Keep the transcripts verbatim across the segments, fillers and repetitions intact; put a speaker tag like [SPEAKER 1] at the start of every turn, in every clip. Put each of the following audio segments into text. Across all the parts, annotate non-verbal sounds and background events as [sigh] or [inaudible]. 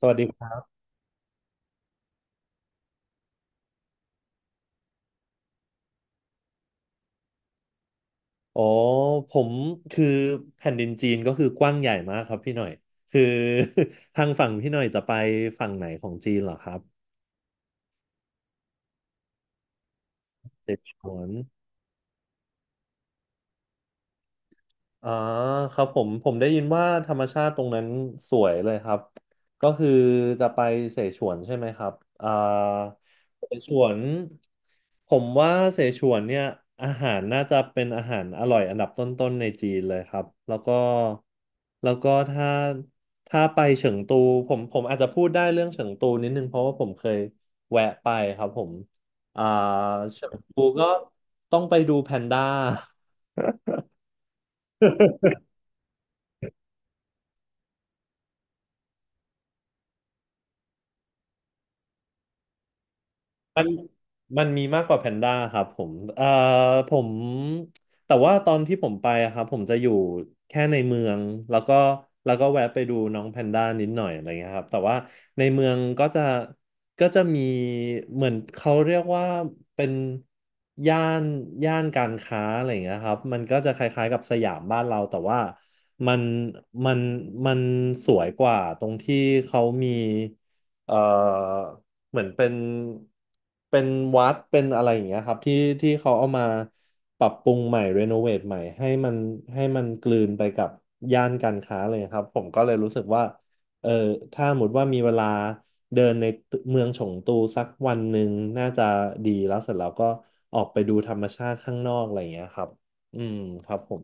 [SPEAKER 1] สวัสดีครับอ๋อผมคือแผ่นดินจีนก็คือกว้างใหญ่มากครับพี่หน่อยคือ [laughs] ทางฝั่งพี่หน่อยจะไปฝั่งไหนของจีนเหรอครับเสฉวน อ่าครับผมผมได้ยินว่าธรรมชาติตรงนั้นสวยเลยครับก็คือจะไปเสฉวนใช่ไหมครับอ่าเสฉวนผมว่าเสฉวนเนี่ยอาหารน่าจะเป็นอาหารอร่อยอันดับต้นๆในจีนเลยครับแล้วก็แล้วก็ถ้าถ้าไปเฉิงตูผมผมอาจจะพูดได้เรื่องเฉิงตูนิดนึงเพราะว่าผมเคยแวะไปครับผมอ่าเฉิงตูก็ต้องไปดูแพนด้า [laughs] มัน มันมีมากกว่าแพนด้าครับผมเอ่อผมแต่ว่าตอนที่ผมไปอะครับผมจะอยู่แค่ในเมืองแล้วก็แล้วก็แวะไปดูน้องแพนด้านิดหน่อยอะไรเงี้ยครับแต่ว่าในเมืองก็จะก็จะมีเหมือนเขาเรียกว่าเป็นย่านย่านการค้าอะไรเงี้ยครับมันก็จะคล้ายๆกับสยามบ้านเราแต่ว่ามันมันมันสวยกว่าตรงที่เขามีเอ่อ เหมือนเป็นเป็นวัดเป็นอะไรอย่างเงี้ยครับที่ที่เขาเอามาปรับปรุงใหม่รีโนเวทใหม่ให้มันให้มันกลืนไปกับย่านการค้าเลยครับผมก็เลยรู้สึกว่าเออถ้าสมมติว่ามีเวลาเดินในเมืองฉงตูสักวันหนึ่งน่าจะดีแล้วเสร็จแล้วก็ออกไปดูธรรมชาติข้างนอกอะไรอย่างเงี้ยครับอืมครับผม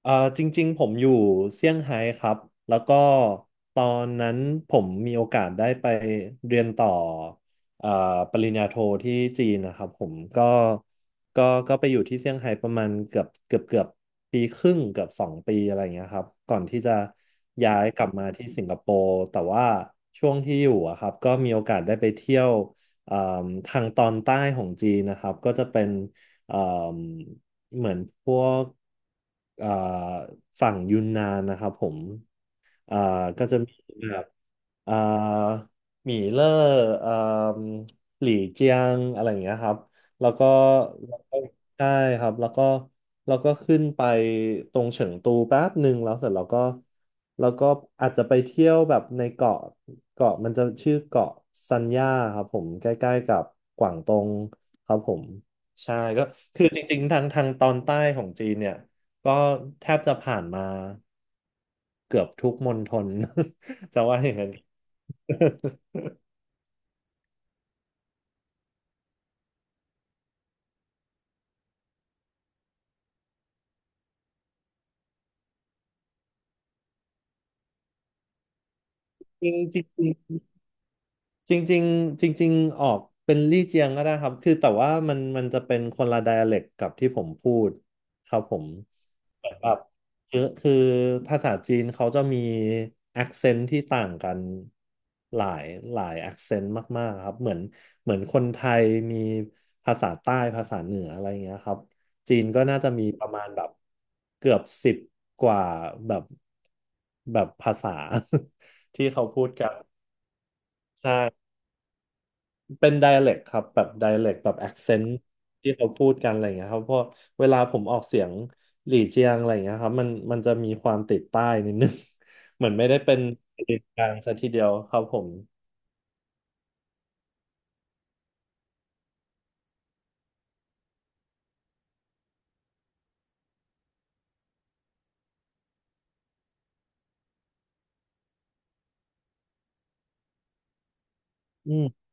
[SPEAKER 1] เอ่อจริงๆผมอยู่เซี่ยงไฮ้ครับแล้วก็ตอนนั้นผมมีโอกาสได้ไปเรียนต่อเอ่อปริญญาโทที่จีนนะครับผมก็ก็ก็ไปอยู่ที่เซี่ยงไฮ้ประมาณเกือบเกือบเกือบปีครึ่งเกือบสองปีอะไรอย่างเงี้ยครับก่อนที่จะย้ายกลับมาที่สิงคโปร์แต่ว่าช่วงที่อยู่อะครับก็มีโอกาสได้ไปเที่ยวเอ่อทางตอนใต้ของจีนนะครับก็จะเป็นเอ่อ เหมือนพวกเอ่อฝั่งยูนนานนะครับผมเอ่อก็จะมีแบบ เอ่อหมี่เล่อเอ่มหลี่เจียงอะไรอย่างเงี้ยครับแล้วก็แล้วก็ใช่ครับแล้วก็แล้วก็ขึ้นไปตรงเฉิงตูแป๊บหนึ่งแล้วเสร็จแล้วก็แล้วก็อาจจะไปเที่ยวแบบในเกาะเกาะมันจะชื่อเกาะซันย่าครับผมใกล้ๆกับกวางตงครับผมใช่ก็คือจริงๆทางทางตอนใต้ของจีนเนี่ยก็แทบจะผ่านมาเกือบทุกมณฑล [laughs] จะว่าอย่างนั้น จริงจริงจริงจริงจริงจริงๆออกเป็นลี่เจียงก็ได้ครับคือแต่ว่ามันมันจะเป็นคนละไดอะเล็กกับที่ผมพูดครับผมเหมือนแบบคือคือภาษาจีนเขาจะมี a c คเซนต์ที่ต่างกันหลายหลาย a c คเซนต์มากๆครับเหมือนเหมือนคนไทยมีภาษาใต้ภาษาเหนืออะไรอย่างเงี้ยครับจีนก็น่าจะมีประมาณแบบเกือบสิบกว่าแบบแบบภาษา [laughs] ที่เขาพูดกัน ใช่เป็น d i อ l e c t ครับ แบบ d i อ l e c t แบบ accent ที่เขาพูดกันอะไรอย่างเงี้ยครับเพราะเวลาผมออกเสียงหลี่เจียงอะไรอย่างเงี้ยครับมันมันจะมีความติดใต้นิดนึง [laughs] เหมือนไม่ได้เป็นกลางซะทีเดียวครับผมอืม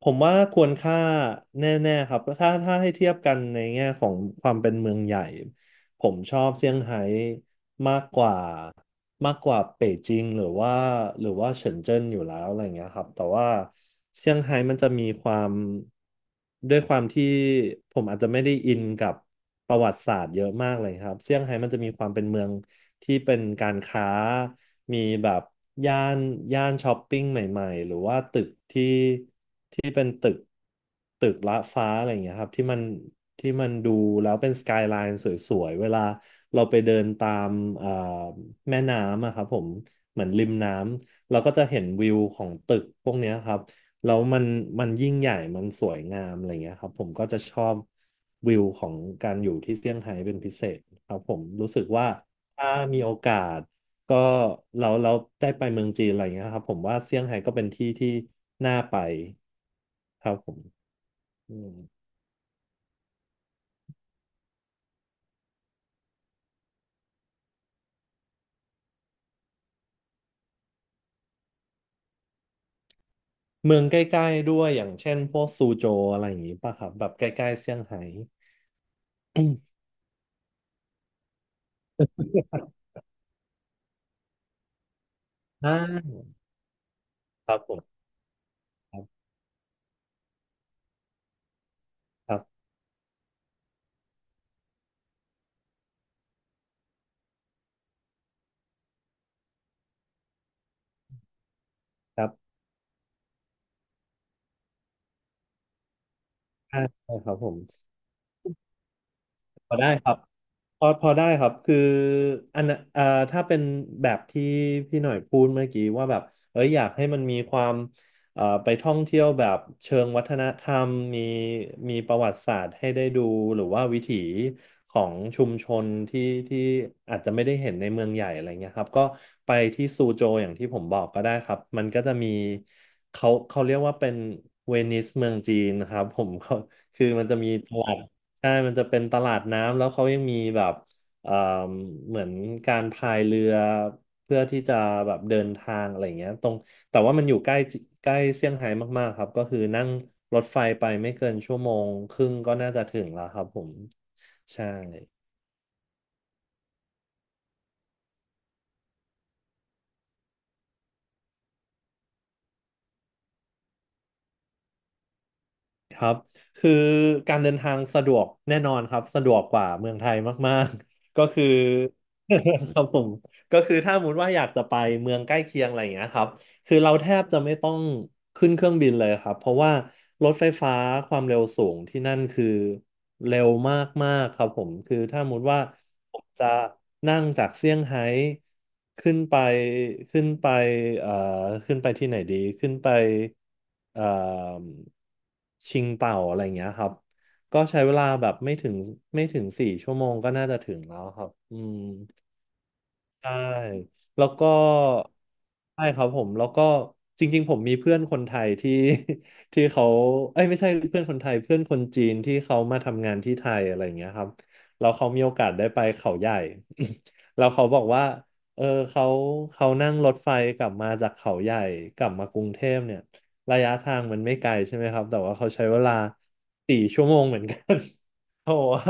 [SPEAKER 1] ผมว่าควรค่าแน่ๆครับถ้าถ้าให้เทียบกันในแง่ของความเป็นเมืองใหญ่ผมชอบเซี่ยงไฮ้มากกว่ามากกว่าเป่ยจิงหรือว่าหรือว่าเฉินเจิ้นอยู่แล้วอะไรเงี้ยครับแต่ว่าเซี่ยงไฮ้มันจะมีความด้วยความที่ผมอาจจะไม่ได้อินกับประวัติศาสตร์เยอะมากเลยครับเซี่ยงไฮ้มันจะมีความเป็นเมือง ที่เป็นการค้ามีแบบย่านย่านช้อปปิ้งใหม่ๆหรือว่าตึกที่ที่เป็นตึกตึกละฟ้าอะไรอย่างเงี้ยครับที่มันที่มันดูแล้วเป็นสกายไลน์สวยๆเวลาเราไปเดินตามเอ่อแม่น้ำอะครับผมเหมือนริมน้ำเราก็จะเห็นวิวของตึกพวกเนี้ยครับแล้วมันมันยิ่งใหญ่มันสวยงามอะไรเงี้ยครับผมก็จะชอบวิวของการอยู่ที่เซี่ยงไฮ้เป็นพิเศษครับผมรู้สึกว่า ถ้ามีโอกาสก็เราเราได้ไปเมืองจีนอะไรอย่างเงี้ยครับผมว่าเซี่ยงไฮ้ก็เป็นที่ที่น่าไปครับผมอืมเมืองใกล้ๆด้วยอย่างเช่นพวกซูโจวอะไรอย่างงี้ป่ะครับแบบใกล้ๆเซี่ยงไฮ้ [coughs] อืมอ่าครับผมครับครับครับอ่าได้ครับผมพอได้ครับ พอพอได้ครับคืออันน่ะเอ่อถ้าเป็นแบบที่พี่หน่อยพูดเมื่อกี้ว่าแบบเอ้ยอยากให้มันมีความเอ่อไปท่องเที่ยวแบบเชิงวัฒนธรรมมีมีประวัติศาสตร์ให้ได้ดูหรือว่าวิถีของชุมชนที่ที่อาจจะไม่ได้เห็นในเมืองใหญ่อะไรเงี้ยครับก็ไปที่ซูโจอย่างที่ผมบอกก็ได้ครับมันก็จะมีเขาเขาเรียกว่าเป็นเวนิสเมืองจีนนะครับผมก็คือมันจะมีตลาด ใช่มันจะเป็นตลาดน้ำแล้วเขายังมีแบบเอ่อเหมือนการพายเรือเพื่อที่จะแบบเดินทางอะไรอย่างเงี้ยตรงแต่ว่ามันอยู่ใกล้จิใกล้เซี่ยงไฮ้มากๆครับก็คือนั่งรถไฟไปไม่เกินชั่วโมงครึ่งก็น่าจะถึงแล้วครับผมใช่ครับคือการเดินทางสะดวกแน่นอนครับสะดวกกว่าเมืองไทยมากๆ [laughs] ก็คือ [laughs] ครับผมก็คือถ้าสมมติว่าอยากจะไปเมืองใกล้เคียงอะไรอย่างเงี้ยครับ คือเราแทบจะไม่ต้องขึ้นเครื่องบินเลยครับเพราะว่ารถไฟฟ้าความเร็วสูงที่นั่นคือเร็วมากๆครับผมคือถ้าสมมติว่าผมจะนั่งจากเซี่ยงไฮ้ขึ้นไปขึ้นไปเอ่อขึ้นไปที่ไหนดีขึ้นไปเอ่อชิงเต่าอะไรอย่างเงี้ยครับก็ใช้เวลาแบบไม่ถึงไม่ถึงสี่ชั่วโมงก็น่าจะถึงแล้วครับอืม ใช่แล้วก็ใช่ครับผมแล้วก็จริงๆผมมีเพื่อนคนไทยที่ [laughs] ที่เขาเอ้ยไม่ใช่เพื่อนคนไทยเพื่อนคนจีนที่เขามาทำงานที่ไทยอะไรอย่างเงี้ยครับแล้วเขามีโอกาสได้ไปเขาใหญ่ [laughs] แล้วเขาบอกว่าเออเขาเขานั่งรถไฟกลับมาจากเขาใหญ่กลับมากรุงเทพเนี่ยระยะทางมันไม่ไกลใช่ไหมครับแต่ว่าเขาใช้เวลาสี่ชั่วโมงเหมือนกัน [laughs] เขาบอกว่า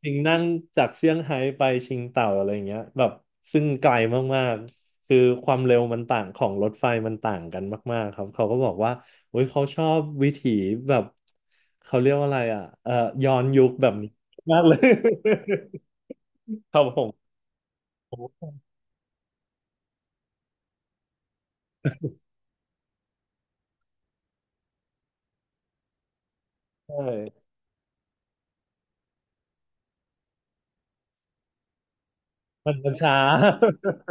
[SPEAKER 1] ชิงนั่งจากเซี่ยงไฮ้ไปชิงเต่าอะไรอย่างเงี้ยแบบซึ่งไกลมากๆคือความเร็วมันต่างของรถไฟมันต่างกันมากๆครับเขาก็บอกว่าโอ้ยเขาชอบวิถีแบบเขาเรียกว่าอะไรอ่ะเอ่อย้อนยุคแบบนี้มากเลย [laughs] ครับผมโอ้ใช่มันมันช้า [laughs]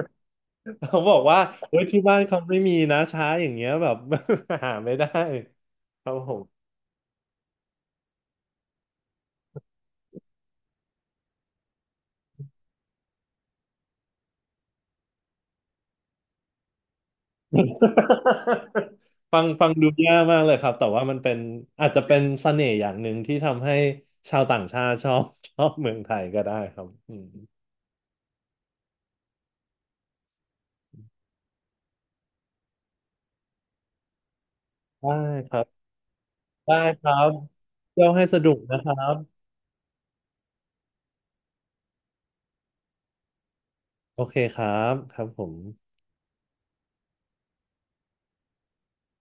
[SPEAKER 1] เขาบอกว่าเฮ้ยที่บ้านเขาไม่มีนะช้าอย่างเงี้ยแบบ [laughs] หาไม่ได้ครับผม [laughs] ฟังฟังดูแยากมากเลยครับแต่ว่ามันเป็นอาจจะเป็นเสน่ห์อย่างหนึ่งที่ทำให้ชาวต่างชาติชอบ [laughs] ชอบเมืองไทยก็ได้ครับอืมได้ครับได้ครับเที่ยวให้สนุกนะครับโอเคครับครับผม